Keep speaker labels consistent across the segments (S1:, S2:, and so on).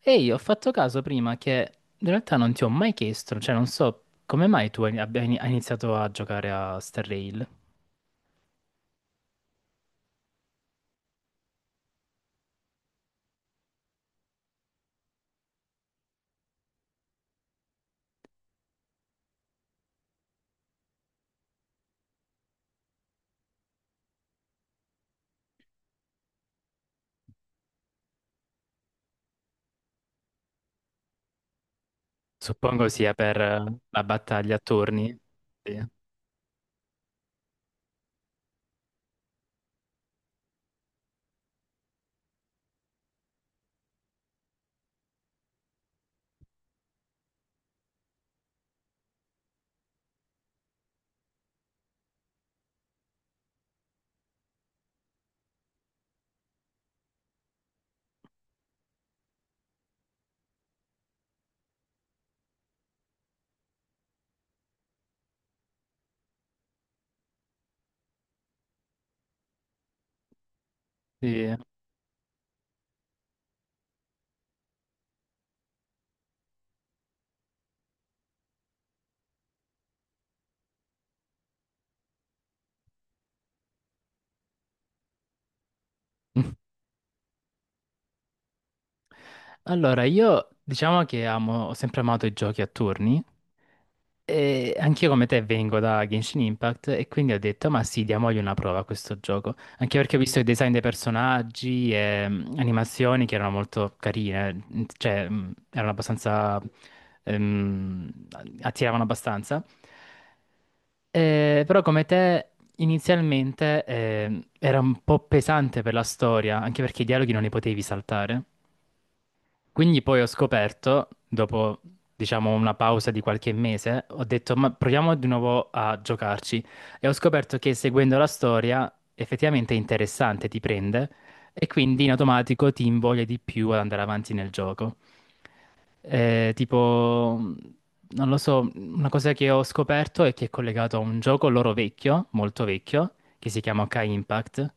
S1: Ehi, ho fatto caso prima che in realtà non ti ho mai chiesto, cioè non so come mai tu hai iniziato a giocare a Star Rail. Suppongo sia per la battaglia a turni. Sì, sì. Allora, io diciamo che amo, ho sempre amato i giochi a turni. E anch'io come te vengo da Genshin Impact e quindi ho detto, ma sì, diamogli una prova a questo gioco. Anche perché ho visto i design dei personaggi e animazioni che erano molto carine, cioè, erano abbastanza. ehm, Attiravano abbastanza. Però come te inizialmente era un po' pesante per la storia, anche perché i dialoghi non li potevi saltare. Quindi poi ho scoperto, dopo diciamo una pausa di qualche mese, ho detto ma proviamo di nuovo a giocarci e ho scoperto che seguendo la storia effettivamente è interessante, ti prende e quindi in automatico ti invoglia di più ad andare avanti nel gioco. Tipo, non lo so, una cosa che ho scoperto è che è collegato a un gioco loro vecchio, molto vecchio, che si chiama Kai Impact.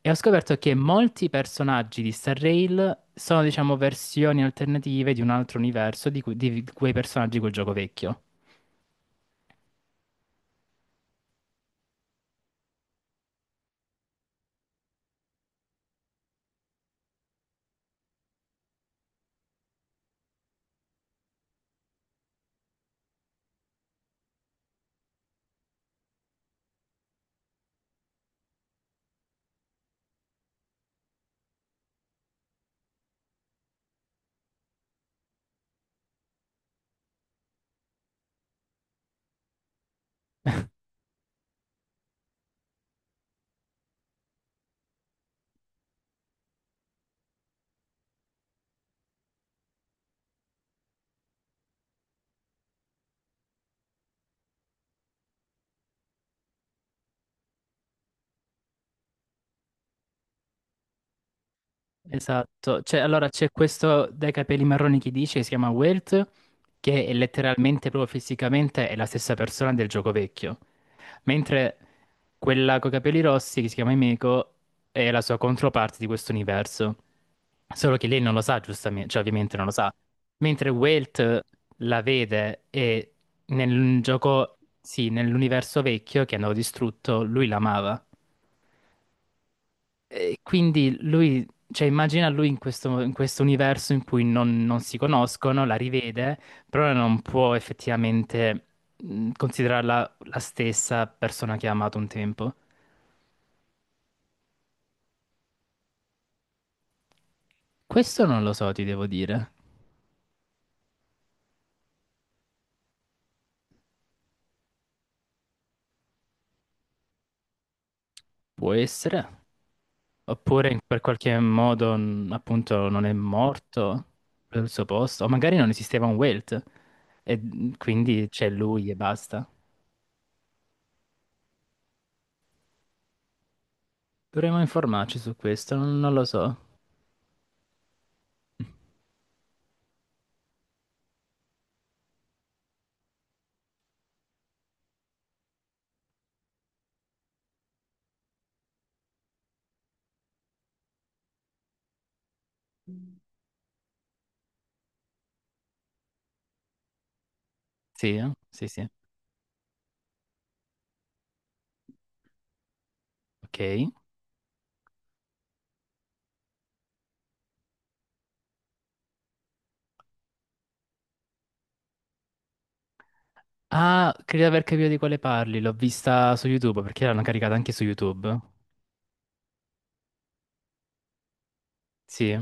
S1: E ho scoperto che molti personaggi di Star Rail sono, diciamo, versioni alternative di un altro universo di, di quei personaggi di quel gioco vecchio. Esatto, cioè, allora c'è questo dai capelli marroni che dice, si chiama Welt, che è letteralmente, proprio fisicamente, è la stessa persona del gioco vecchio, mentre quella con i capelli rossi, che si chiama Emeko, è la sua controparte di questo universo, solo che lei non lo sa, giustamente, cioè ovviamente non lo sa, mentre Welt la vede e nel gioco, sì, nell'universo vecchio che hanno distrutto, lui l'amava. E quindi lui, cioè immagina lui in questo universo in cui non si conoscono, la rivede, però non può effettivamente considerarla la stessa persona che ha amato un tempo. Questo non lo so, ti devo dire. Può essere. Oppure per qualche modo, appunto, non è morto per il suo posto. O magari non esisteva un Welt e quindi c'è lui e basta. Dovremmo informarci su questo, non lo so. Sì, eh? Sì, sì. Ok. Ah, credo di aver capito di quale parli, l'ho vista su YouTube, perché l'hanno caricata anche su YouTube. Sì,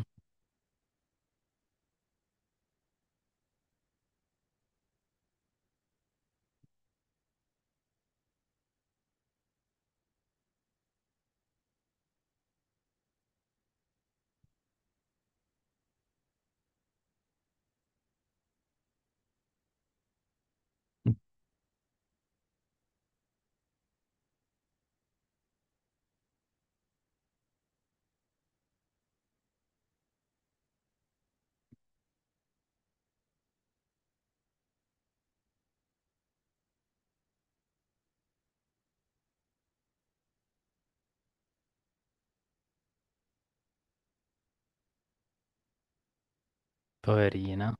S1: poverina.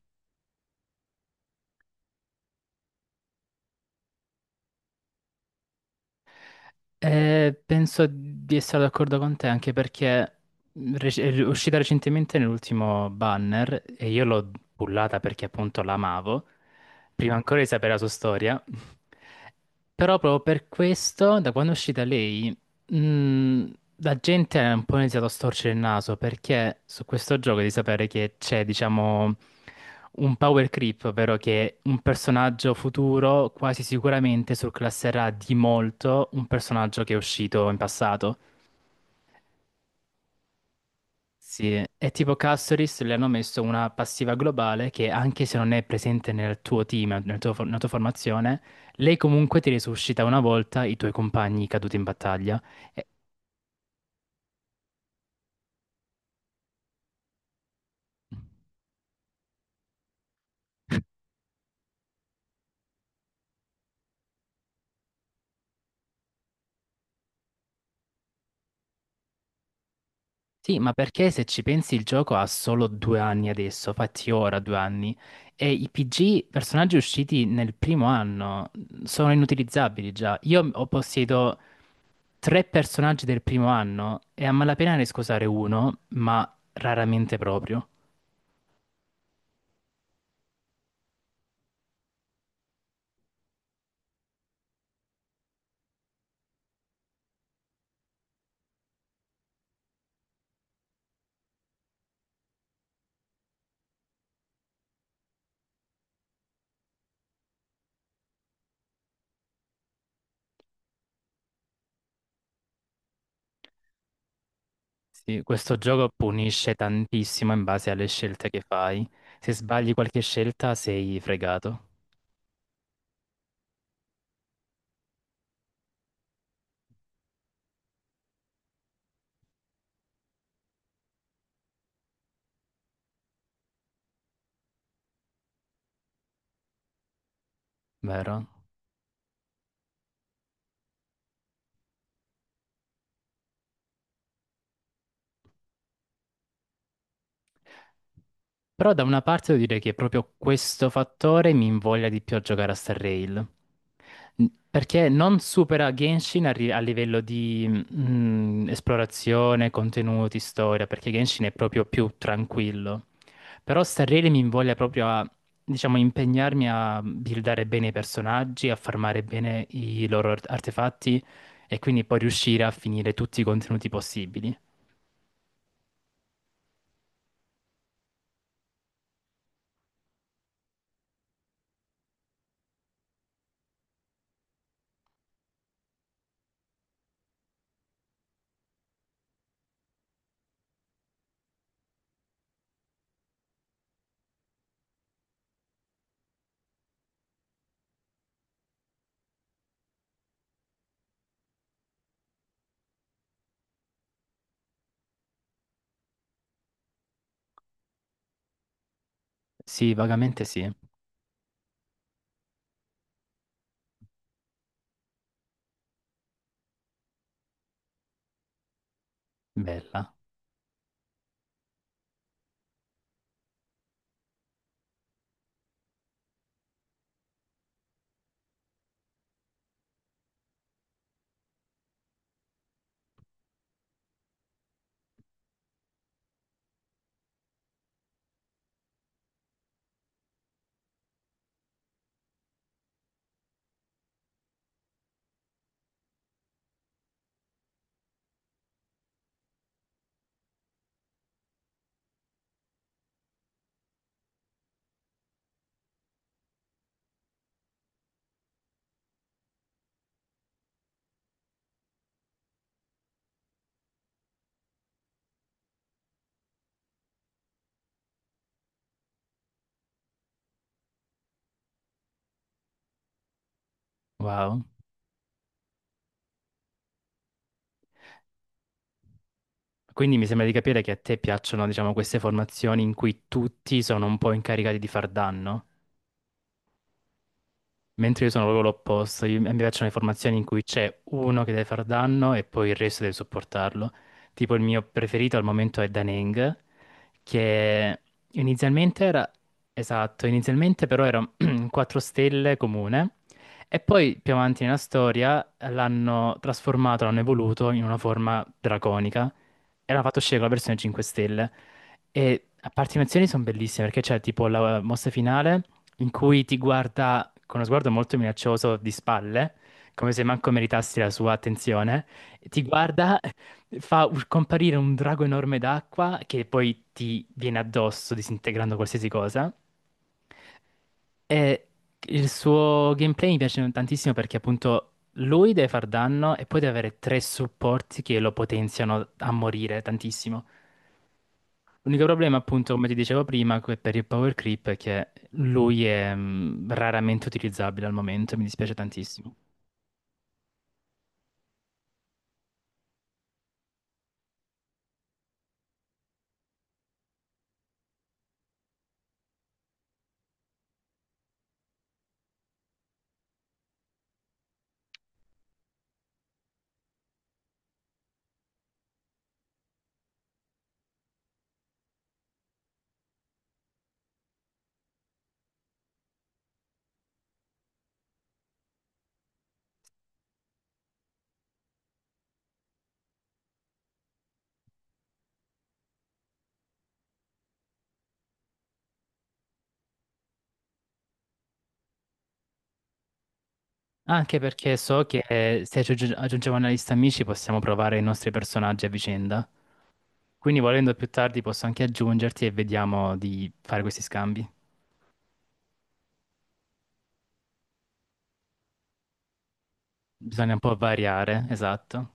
S1: Penso di essere d'accordo con te, anche perché è uscita recentemente nell'ultimo banner e io l'ho pullata perché appunto l'amavo. Prima ancora di sapere la sua storia. Però proprio per questo, da quando è uscita lei, mh, la gente ha un po' iniziato a storcere il naso perché su questo gioco di sapere che c'è, diciamo, un power creep, ovvero che un personaggio futuro quasi sicuramente surclasserà di molto un personaggio che è uscito in passato. Sì, è tipo Castoris, le hanno messo una passiva globale che anche se non è presente nel tuo team, nella tua formazione, lei comunque ti risuscita una volta i tuoi compagni caduti in battaglia. E- sì, ma perché se ci pensi il gioco ha solo 2 anni adesso, fatti ora 2 anni, e i PG, personaggi usciti nel primo anno, sono inutilizzabili già. Io ho possiedo tre personaggi del primo anno e a malapena ne scusare uno, ma raramente proprio. Sì, questo gioco punisce tantissimo in base alle scelte che fai. Se sbagli qualche scelta sei fregato, vero? Però da una parte devo dire che proprio questo fattore mi invoglia di più a giocare a Star Rail. Perché non supera Genshin a livello di esplorazione, contenuti, storia, perché Genshin è proprio più tranquillo. Però Starrele mi invoglia proprio a, diciamo, impegnarmi a buildare bene i personaggi, a farmare bene i loro artefatti e quindi poi riuscire a finire tutti i contenuti possibili. Sì, vagamente sì. Bella. Wow. Quindi mi sembra di capire che a te piacciono, diciamo, queste formazioni in cui tutti sono un po' incaricati di far danno. Mentre io sono proprio l'opposto, a mi piacciono le formazioni in cui c'è uno che deve far danno e poi il resto deve sopportarlo. Tipo il mio preferito al momento è Daneng, che inizialmente era. Esatto, inizialmente però era un 4 stelle comune e poi più avanti nella storia l'hanno trasformato, l'hanno evoluto in una forma draconica e l'hanno fatto uscire con la versione 5 stelle. E a parte le animazioni sono bellissime perché c'è tipo la mossa finale in cui ti guarda con uno sguardo molto minaccioso di spalle, come se manco meritassi la sua attenzione, e ti guarda, fa comparire un drago enorme d'acqua che poi ti viene addosso disintegrando qualsiasi cosa. E il suo gameplay mi piace tantissimo perché appunto lui deve far danno e poi deve avere tre supporti che lo potenziano a morire tantissimo. L'unico problema, appunto, come ti dicevo prima, per il power creep è che lui è raramente utilizzabile al momento, e mi dispiace tantissimo. Anche perché so che se aggiungiamo una lista amici possiamo provare i nostri personaggi a vicenda. Quindi volendo più tardi posso anche aggiungerti e vediamo di fare questi scambi. Bisogna un po' variare, esatto.